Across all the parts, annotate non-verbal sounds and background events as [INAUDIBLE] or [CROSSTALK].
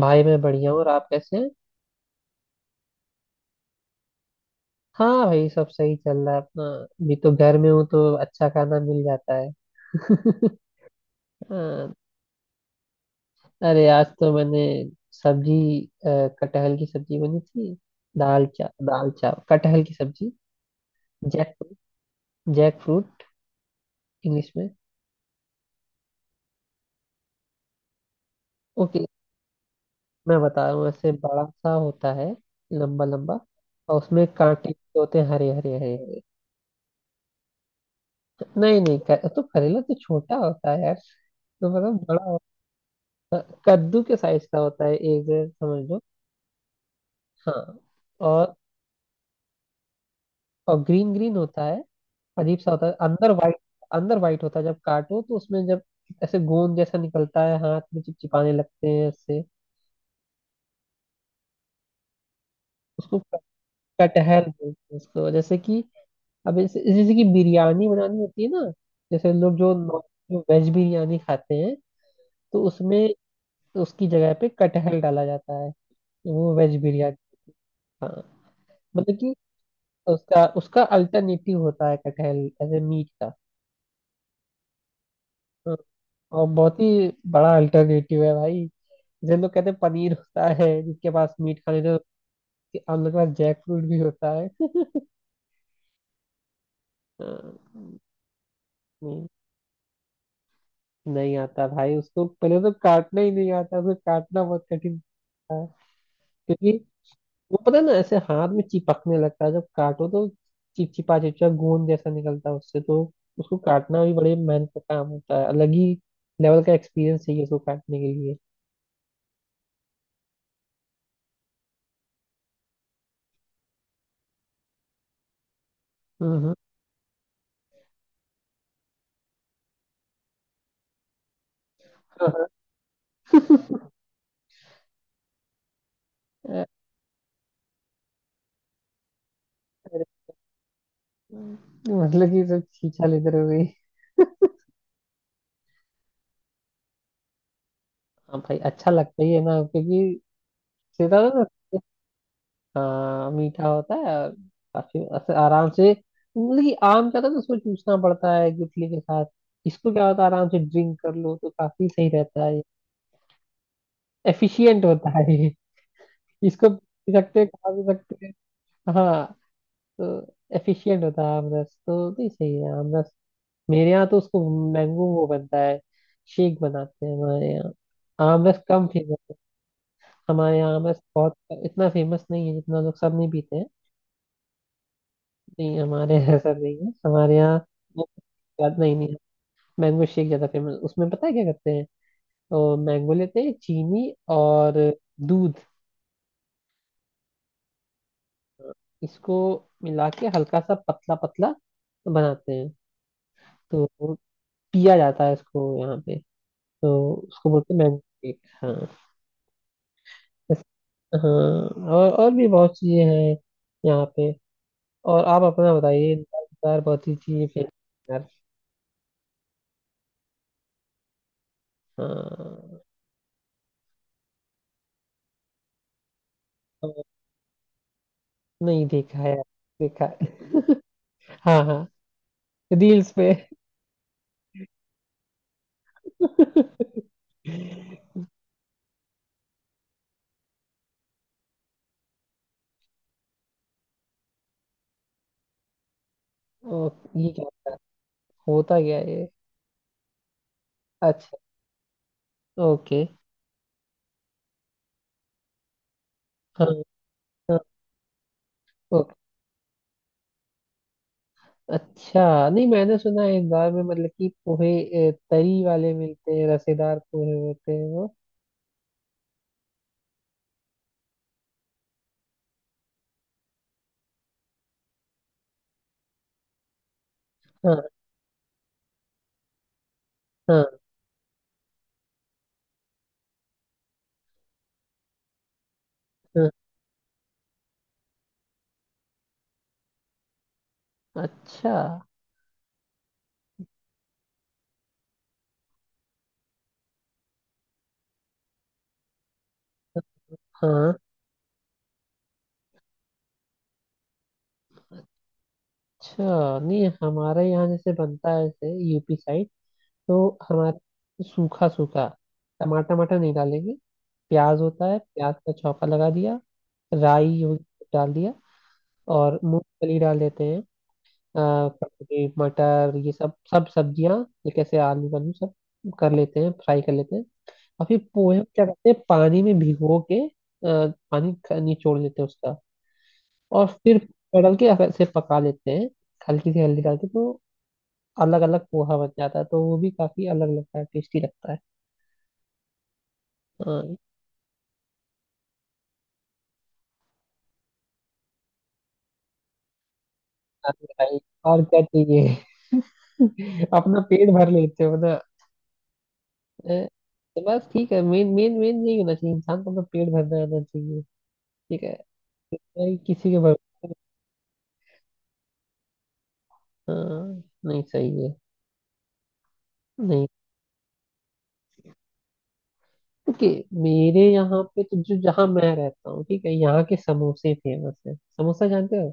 भाई मैं बढ़िया हूँ। और आप कैसे हैं? हाँ भाई, सब सही चल रहा है। अपना भी तो घर में हूँ तो अच्छा खाना मिल जाता है। [LAUGHS] हाँ। अरे आज तो मैंने सब्जी अ, कटहल की सब्जी बनी थी। दाल चा दाल चावल कटहल की सब्जी। जैक जैक फ्रूट इंग्लिश में। ओके, मैं बता रहा हूँ ऐसे बड़ा सा होता है। लंबा लंबा, और उसमें कांटे भी होते हैं। हरे हरे हरे हरे। नहीं नहीं क- तो करेला तो छोटा होता है यार। तो मतलब बड़ा, कद्दू के साइज का होता है एक, जैसे समझ लो। हाँ। और और ग्रीन ग्रीन होता है। अजीब सा होता है, अंदर वाइट। अंदर वाइट होता है, जब काटो तो उसमें जब ऐसे गोंद जैसा निकलता है, हाथ में चिपचिपाने लगते हैं ऐसे। उसको क- कटहल बोलते हैं उसको। जैसे कि अब जैसे जैसे कि बिरयानी बनानी होती है ना, जैसे लोग जो जो वेज बिरयानी खाते हैं तो उसमें, उसकी जगह पे कटहल डाला जाता है, वो वेज बिरयानी। हाँ। मतलब कि उसका उसका अल्टरनेटिव होता है कटहल, एज ए मीट का। और बहुत ही बड़ा अल्टरनेटिव है भाई। जैसे लोग कहते हैं पनीर होता है जिसके पास मीट खाने दो, हम लोग के पास जैक फ्रूट भी होता है। अ, नहीं, नहीं आता भाई। उसको पहले तो काटना ही नहीं आता, उसको काटना बहुत कठिन होता है। क्योंकि वो पता है ना ऐसे हाथ में चिपकने लगता है जब काटो तो, चिपचिपा चिपचिपा गोंद जैसा निकलता है उससे तो। उसको काटना भी बड़े मेहनत का काम होता है, अलग ही लेवल का एक्सपीरियंस चाहिए उसको काटने के लिए। हम्म हम्म। मतलब कि सब खींचा लेते रहोगे। हाँ भाई, अच्छा लगता ही है ना, क्योंकि सीधा ना। हाँ, मीठा होता है, और काफी ऐसे आराम से, मतलब कि आम का था तो उसको चूसना पड़ता है गुठली के साथ। इसको क्या होता है, आराम से ड्रिंक कर लो तो काफी सही रहता है। एफिशिएंट होता है ये। इसको पी सकते हैं, खा भी सकते हैं। हाँ, तो एफिशिएंट होता है आम रस तो, नहीं सही है आम रस। मेरे यहाँ तो उसको मैंगो, वो बनता है, शेक बनाते हैं हमारे यहाँ। आम रस कम फेमस, हमारे यहाँ बस बहुत इतना फेमस नहीं है, जितना लोग सब नहीं पीते हैं। नहीं हमारे यहाँ ऐसा नहीं है हमारे यहाँ। याद नहीं, नहीं। मैंगो शेक ज्यादा फेमस, उसमें पता है क्या करते हैं, तो मैंगो लेते हैं, चीनी और दूध, इसको मिला के हल्का सा पतला पतला बनाते हैं। तो वो पिया जाता है इसको यहाँ पे। तो उसको बोलते हैं मैंगो शेक। हाँ। बस। हाँ। और भी बहुत चीजें हैं यहाँ पे। और आप अपना बताइए। दाल, बहुत ही चीजें फेमस। हाँ। हाँ, नहीं देखा है। देखा है, हाँ हाँ, रील्स पे। ओ। ये क्या होता है? होता क्या है ये? अच्छा, ओके। हाँ। हाँ, ओके। अच्छा नहीं, मैंने सुना है इंदौर में, मतलब कि पोहे तरी वाले मिलते हैं, रसेदार पोहे होते हैं वो। हाँ हाँ हाँ। अच्छा। हाँ। अच्छा नहीं, हमारे यहाँ जैसे बनता है, जैसे यूपी साइड, तो हमारे सूखा सूखा। टमाटर, टमाटर नहीं डालेंगे। प्याज होता है, प्याज का छौंका लगा दिया, राई हो- डाल दिया, और मूंगफली डाल देते हैं। अ, ककड़ी मटर ये सब, सब्जियां ये, कैसे आलू वालू सब कर लेते हैं, फ्राई कर लेते हैं। और फिर पोहे को क्या करते हैं, पानी में भिगो के, निचोड़ लेते हैं उसका, और फिर डाल के ऐसे पका लेते हैं, हल्की सी हल्दी डाल के। तो अलग अलग पोहा बन जाता है, तो वो भी काफी अलग लगता है, टेस्टी लगता है। हाँ। अरे भाई, और क्या चाहिए। [LAUGHS] अपना पेट भर लेते हो ना। तो बस ठीक है। मेन मेन मेन यही होना चाहिए, इंसान को अपना पेट भरना आना चाहिए। ठीक है भाई, किसी के भर। हाँ, नहीं सही है। नहीं, ओके। मेरे यहाँ पे तो, जो जहाँ मैं रहता हूँ, ठीक है, यहाँ के समोसे फेमस है, समोसा जानते हो।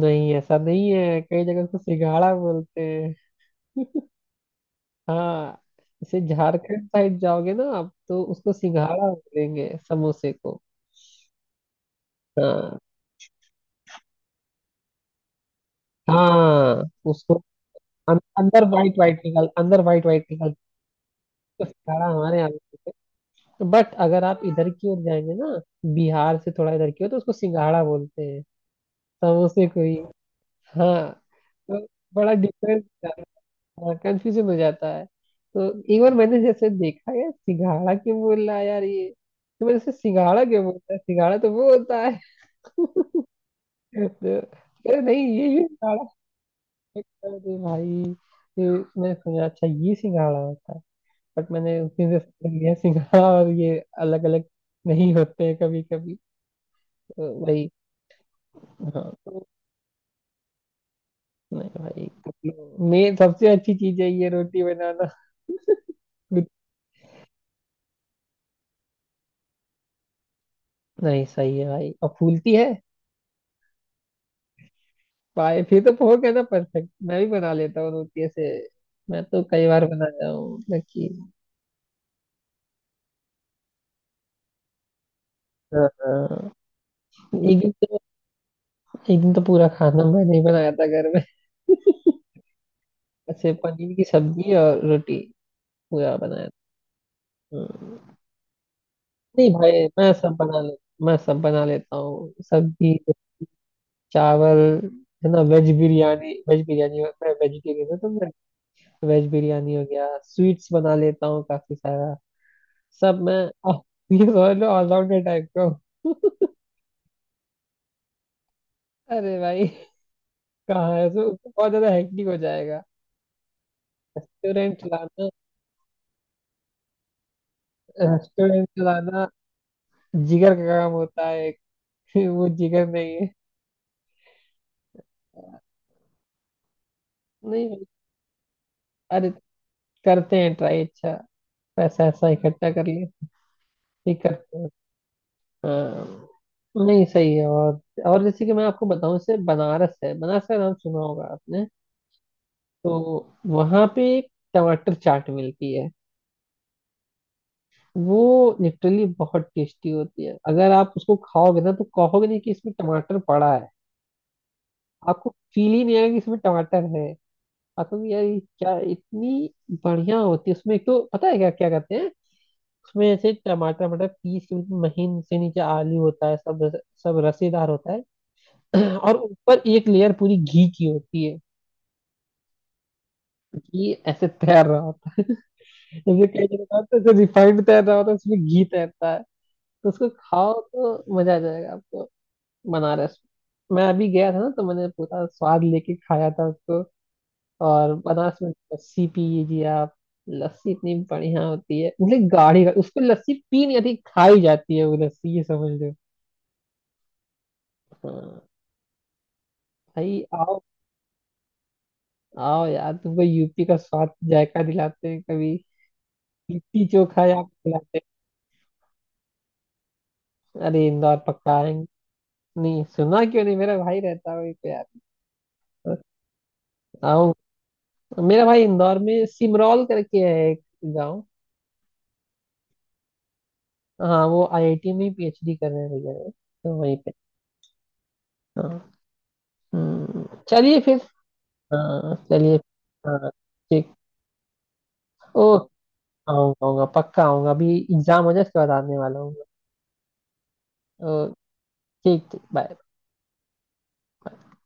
नहीं ऐसा नहीं है, कई जगह उसको सिंघाड़ा बोलते हैं। हाँ, इसे झारखंड साइड जाओगे ना आप, तो उसको सिंघाड़ा बोलेंगे समोसे को। हाँ हाँ। उसको, अंदर वाइट वाइट निकल। तो सिंघाड़ा हमारे यहाँ बोलते हैं, बट अगर आप इधर की ओर जाएंगे ना, बिहार से थोड़ा इधर की ओर, तो उसको सिंघाड़ा बोलते हैं समोसे को ही। हाँ। तो बड़ा डिफरेंस, कंफ्यूजन हो जाता है। तो एक बार मैंने जैसे देखा, यार सिंघाड़ा क्यों बोल रहा है यार ये। तो मैंने जैसे, सिंघाड़ा क्यों बोलता है, सिंघाड़ा तो वो होता है। [LAUGHS] तो अरे नहीं, ये भी सिंघाड़ा है। अरे भाई, ये, मैं समझा, अच्छा ये सिंघाड़ा होता है, बट मैंने उतनी देर से सीख लिया सिंघाड़ा, और ये अलग अलग नहीं होते हैं कभी कभी। तो वही। हाँ तो, नहीं भाई, मेन सबसे अच्छी चीज है ये रोटी बनाना। नहीं सही है भाई, और फूलती है भाई, फिर तो पोह है ना परफेक्ट। मैं भी बना लेता हूँ रोटी ऐसे, मैं तो कई बार बनाया हूँ, लेकिन। हाँ। हाँ, एक दिन तो, एक दिन तो पूरा खाना मैंने ही बनाया था घर में, ऐसे पनीर की सब्जी और रोटी पूरा बनाया था। हाँ। नहीं भाई मैं सब बना ले, मैं सब बना लेता हूँ, सब्जी, चावल, है ना, वेज बिरयानी, वेज बिरयानी, मैं वेजिटेरियन हूँ तो मैं, वेज बिरयानी हो गया, स्वीट्स बना लेता हूँ काफी सारा, सब मैं। आह, ये समझ लो, ऑलराउंडर टाइप का हूँ। अरे भाई, कहाँ है, सो बहुत ज्यादा हेक्टिक हो जाएगा रेस्टोरेंट चलाना। रेस्टोरेंट चलाना जिगर का काम होता है एक। [LAUGHS] वो जिगर नहीं है। नहीं, अरे करते हैं ट्राई, अच्छा पैसा ऐसा इकट्ठा कर ले, ठीक है। हाँ, नहीं सही है। और जैसे कि मैं आपको बताऊं, इससे बनारस है, बनारस का नाम सुना होगा आपने। तो वहां पे एक टमाटर चाट मिलती है, वो लिटरली बहुत टेस्टी होती है। अगर आप उसको खाओगे ना तो कहोगे नहीं कि इसमें टमाटर पड़ा है। आपको फील ही नहीं आएगा कि इसमें टमाटर है। आप कहोगे यार ये क्या, इतनी बढ़िया होती है, उसमें एक तो पता है क्या क्या करते हैं। उसमें ऐसे टमाटर, टमाटर पीस के महीन से, नीचे आलू होता है, सब सब रसेदार होता है। [CLEARS THROAT] और ऊपर एक लेयर पूरी घी की होती है। घी ऐसे तैर रहा होता है, जैसे कई जगह होता है, जैसे रिफाइंड तैर रहा होता है, उसमें घी तैरता है। तो उसको खाओ तो मजा आ जाएगा आपको। बनारस मैं अभी गया था ना, तो मैंने पूरा स्वाद लेके खाया था उसको। और बनारस में लस्सी पीजिए आप। लस्सी इतनी बढ़िया होती है, मतलब गाढ़ी गाढ़ी- उसको लस्सी पी नहीं आती, खाई जाती है वो लस्सी, ये समझ लो। हाँ भाई आओ, आओ यार, तुमको यूपी का स्वाद जायका दिलाते हैं कभी, लिट्टी चोखा यार खिलाते हैं। अरे इंदौर पक्का आएंगे, नहीं सुना क्यों नहीं, मेरा भाई रहता है वहीं पे यार। आओ, मेरा भाई इंदौर में सिमरौल करके है एक गाँव। हाँ, वो आईआईटी में पीएचडी कर रहे हैं भैया वो, तो वहीं पे। हाँ। हम्म, चलिए फिर। हाँ चलिए। हाँ ठीक। ओ, आऊंगा आऊंगा पक्का आऊंगा, अभी एग्जाम हो जाए उसके बाद आने वाला हूँ। ओ, ठीक ठीक, बाय।